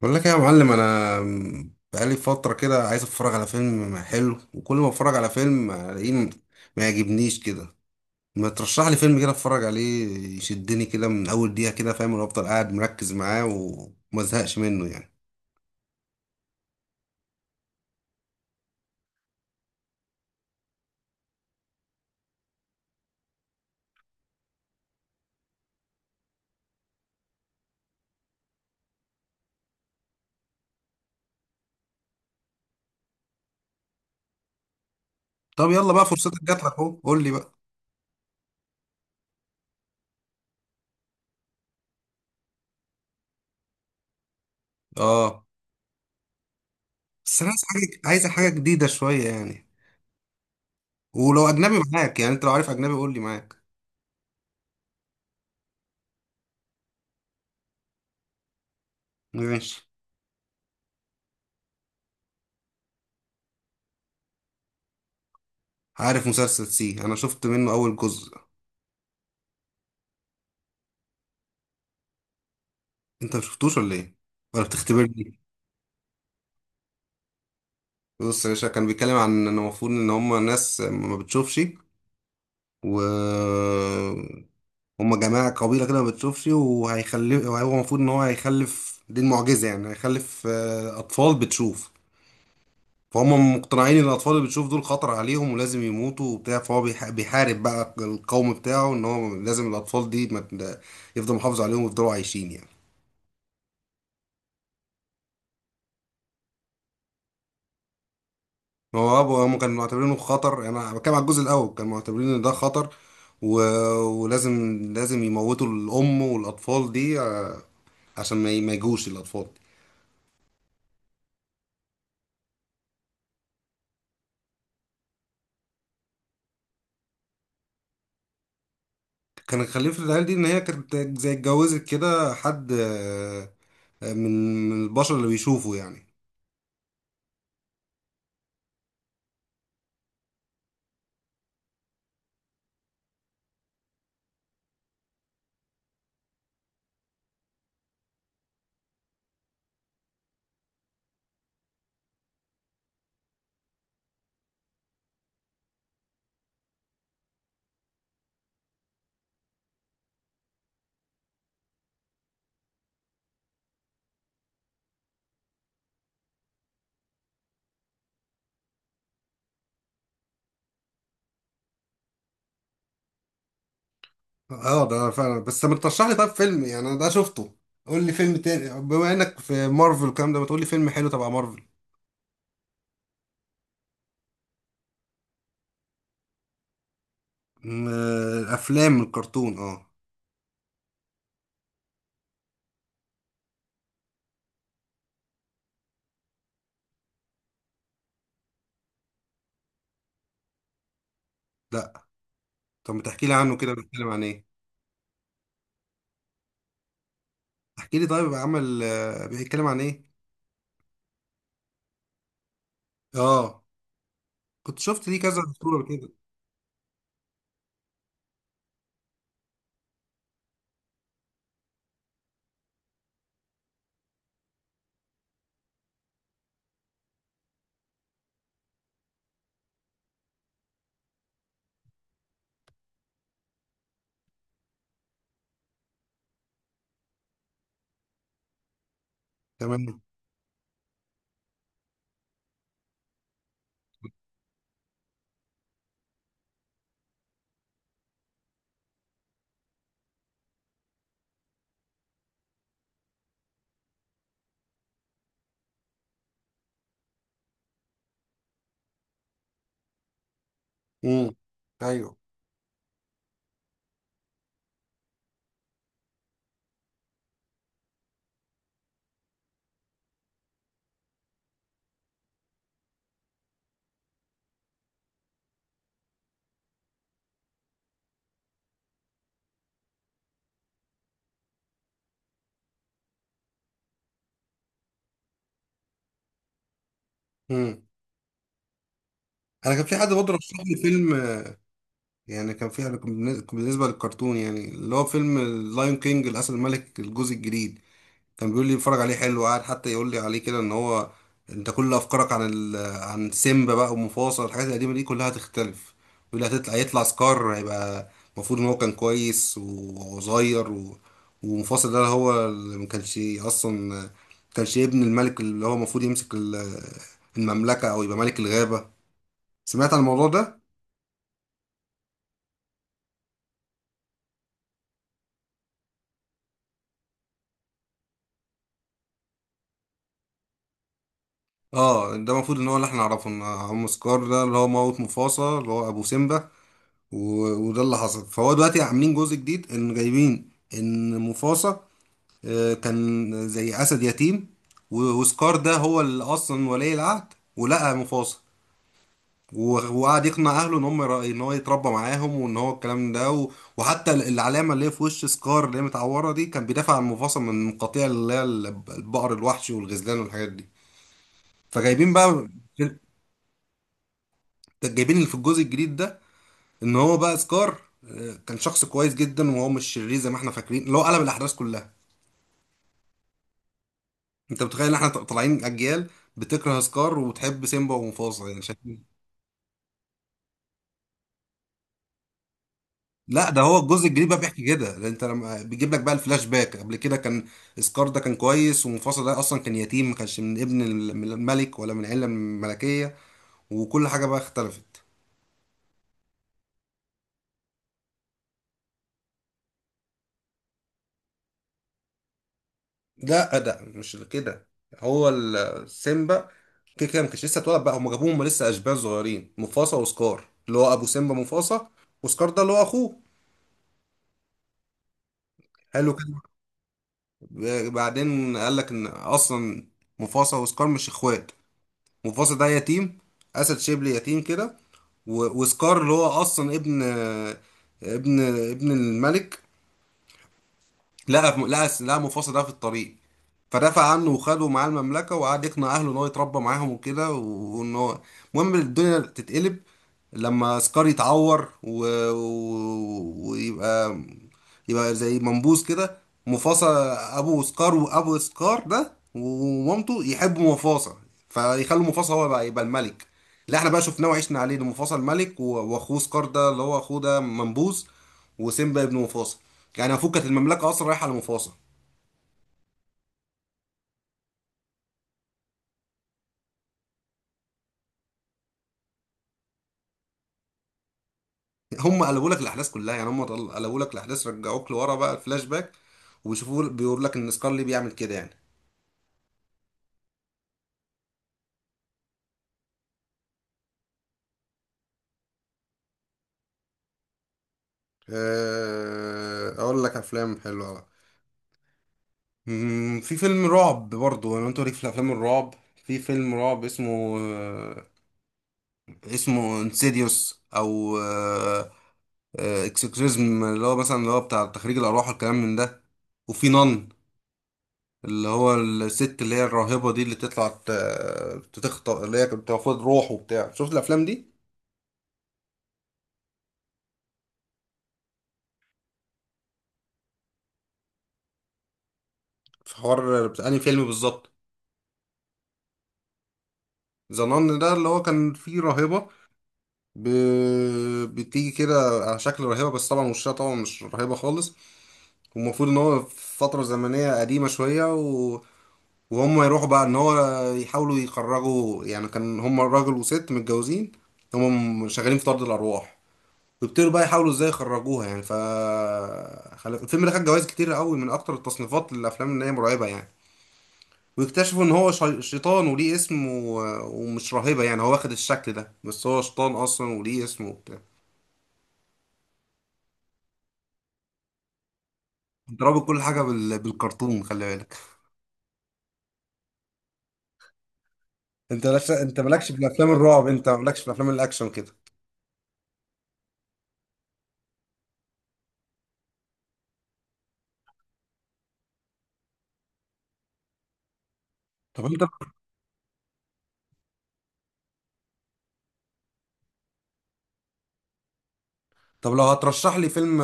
بقول لك إيه يا معلم، انا بقالي فتره كده عايز اتفرج على فيلم حلو، وكل ما اتفرج على فيلم الاقيه ما يعجبنيش كده. ما ترشح لي فيلم كده اتفرج عليه، يشدني كده من اول دقيقه كده، فاهم؟ وافضل قاعد مركز معاه وما ازهقش منه يعني. طب يلا بقى فرصتك جات لك اهو، قول لي بقى. اه، بس انا عايز حاجه جديده شويه يعني. ولو اجنبي معاك يعني، انت لو عارف اجنبي قول لي معاك. ماشي. عارف مسلسل سي، انا شفت منه اول جزء. انت ما شفتوش ولا ايه؟ ولا بتختبرني؟ بص يا باشا، كان بيتكلم عن ان المفروض ان هم ناس ما بتشوفش و هم جماعة قبيلة كده ما بتشوفش، وهيخلف، وهو المفروض ان هو هيخلف، دي المعجزة يعني، هيخلف اطفال بتشوف. فهم مقتنعين ان الاطفال اللي بتشوف دول خطر عليهم ولازم يموتوا وبتاع، فهو بيحارب بقى القوم بتاعه ان هو لازم الاطفال دي ما ت- يفضل محافظ عليهم ويفضلوا عايشين يعني. هو ابو هم كانوا معتبرينه خطر يعني، انا بتكلم على الجزء الاول، كانوا معتبرين ان ده خطر و... ولازم، لازم يموتوا الام والاطفال دي، عشان ما يجوش الاطفال. كان الخليفه العيال دي ان هي كانت زي اتجوزت كده حد من البشر اللي بيشوفوا يعني. اه، ده فعلا. بس ما ترشح لي طب فيلم يعني، انا ده شفته، قول لي فيلم تاني، بما انك في مارفل الكلام ده، ما تقول لي فيلم حلو تبع مارفل. افلام الكرتون، اه. لا. طب ما تحكي لي عنه كده، بيتكلم عن ايه؟ احكي لي طيب، عمل بيتكلم عن ايه؟ اه. كنت شفت ليه كذا صورة كده. تمام. امم. ايوه. امم. انا كان في حد برضه رشح لي فيلم. يعني كان في، أنا كان بالنسبة للكرتون، يعني اللي هو فيلم اللايون كينج، الاسد الملك، الجزء الجديد. كان بيقول لي اتفرج عليه حلو، قاعد حتى يقول لي عليه كده ان هو انت كل افكارك عن عن سيمبا بقى ومفاصل الحاجات القديمه دي كلها هتختلف. بيقول لي هتطلع، يطلع سكار هيبقى المفروض ان هو كان كويس وصغير ومفاصل ده هو اللي ما كانش اصلا، ما كانش ابن الملك اللي هو المفروض يمسك المملكه او يبقى ملك الغابه. سمعت عن الموضوع ده؟ اه، ده المفروض ان هو اللي احنا نعرفه ان عم سكار ده اللي هو موت مفاصل اللي هو ابو سيمبا، وده اللي حصل. فهو دلوقتي عاملين جزء جديد ان جايبين ان مفاصة، كان زي اسد يتيم. وسكار ده هو اللي اصلا ولي العهد ولقى مفاصة، وقعد يقنع اهله ان هم ان هو يتربى معاهم وان هو الكلام ده، وحتى العلامه اللي هي في وش سكار اللي هي متعوره دي، كان بيدافع عن مفاصة من قطيع اللي هي البقر الوحشي والغزلان والحاجات دي. فجايبين بقى جايبين اللي في الجزء الجديد ده، ان هو بقى سكار، كان شخص كويس جدا وهو مش شرير زي ما احنا فاكرين، اللي هو قلب الاحداث كلها. انت متخيل ان احنا طالعين اجيال بتكره سكار وتحب سيمبا ومفاصل يعني، شايفين؟ لا، ده هو الجزء الجديد بقى بيحكي كده، لأن انت لما بيجيب لك بقى الفلاش باك قبل كده كان سكار ده كان كويس، ومفاصل ده اصلا كان يتيم ما كانش من ابن من الملك ولا من عيله ملكيه، وكل حاجه بقى اختلفت. لا، ده مش كده. هو سيمبا كده كده ما كانش لسه اتولد، بقى هم جابوهم هما لسه اشبال صغيرين، مفاصة وسكار اللي هو ابو سيمبا، مفاصة وسكار ده اللي هو اخوه. حلو كده. بعدين قال لك ان اصلا مفاصة وسكار مش اخوات. مفاصة ده يتيم، اسد شيبلي يتيم كده. وسكار اللي هو اصلا ابن، ابن ابن الملك، لقى، لقى مفاصة ده في الطريق، فدافع عنه وخده معاه المملكة، وقعد يقنع أهله إن هو يتربى معاهم وكده، وإن هو المهم الدنيا تتقلب لما سكار يتعور ويبقى، يبقى زي منبوذ كده. مفاصة، أبو سكار ده ومامته يحبوا مفاصة، فيخلوا مفاصة هو بقى يبقى الملك اللي احنا بقى شفناه وعشنا عليه ده، مفاصة الملك، وأخوه سكار ده اللي هو أخوه ده منبوذ، وسيمبا ابن مفاصة. يعني المفروض كانت المملكة أصلا رايحة لمفاصة. هم قلبوا لك الاحداث كلها، يعني هم قلبوا لك الاحداث، رجعوك لورا بقى الفلاش باك، ويشوفوا بيقول لك ان سكارلي بيعمل كده يعني. اقول لك افلام حلوه بقى. في فيلم رعب برضو، انا انت ليك في الافلام الرعب؟ في فيلم رعب اسمه انسيديوس او اكسكريزم، اللي هو مثلا اللي هو بتاع تخريج الارواح والكلام من ده، وفي نان اللي هو الست اللي هي الراهبة دي اللي تطلع تخطئ، اللي هي كانت بتاخد روح وبتاع، شفت الافلام دي؟ في حوار بتاع انهي فيلم بالظبط؟ زنان ده اللي هو كان فيه راهبة ب... بتيجي كده على شكل راهبة، بس طبعا وشها طبعا مش راهبة خالص. والمفروض ان هو في فترة زمنية قديمة شوية وهم يروحوا بقى ان هو يحاولوا يخرجوا يعني، كان هم راجل وست متجوزين، هم شغالين في طرد الارواح، ويبتدوا بقى يحاولوا ازاي يخرجوها يعني الفيلم ده خد جوائز كتير قوي من اكتر التصنيفات للافلام اللي هي مرعبة يعني. ويكتشفوا ان هو شيطان وليه اسم ومش راهبة يعني، هو واخد الشكل ده بس هو شيطان اصلا وليه اسم وبتاع. انت رابط كل حاجة بالكرتون، خلي بالك. انت مالكش في الافلام الرعب، انت مالكش في الافلام الاكشن كده. طب انت طب لو هترشح لي فيلم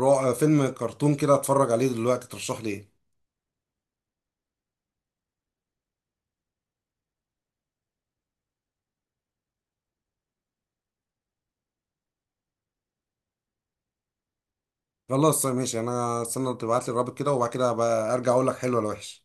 رعب، فيلم كرتون كده اتفرج عليه دلوقتي، ترشح لي ايه؟ خلاص ماشي، انا استنى تبعت لي الرابط كده، وبعد كده بقى ارجع اقول لك حلو ولا وحش.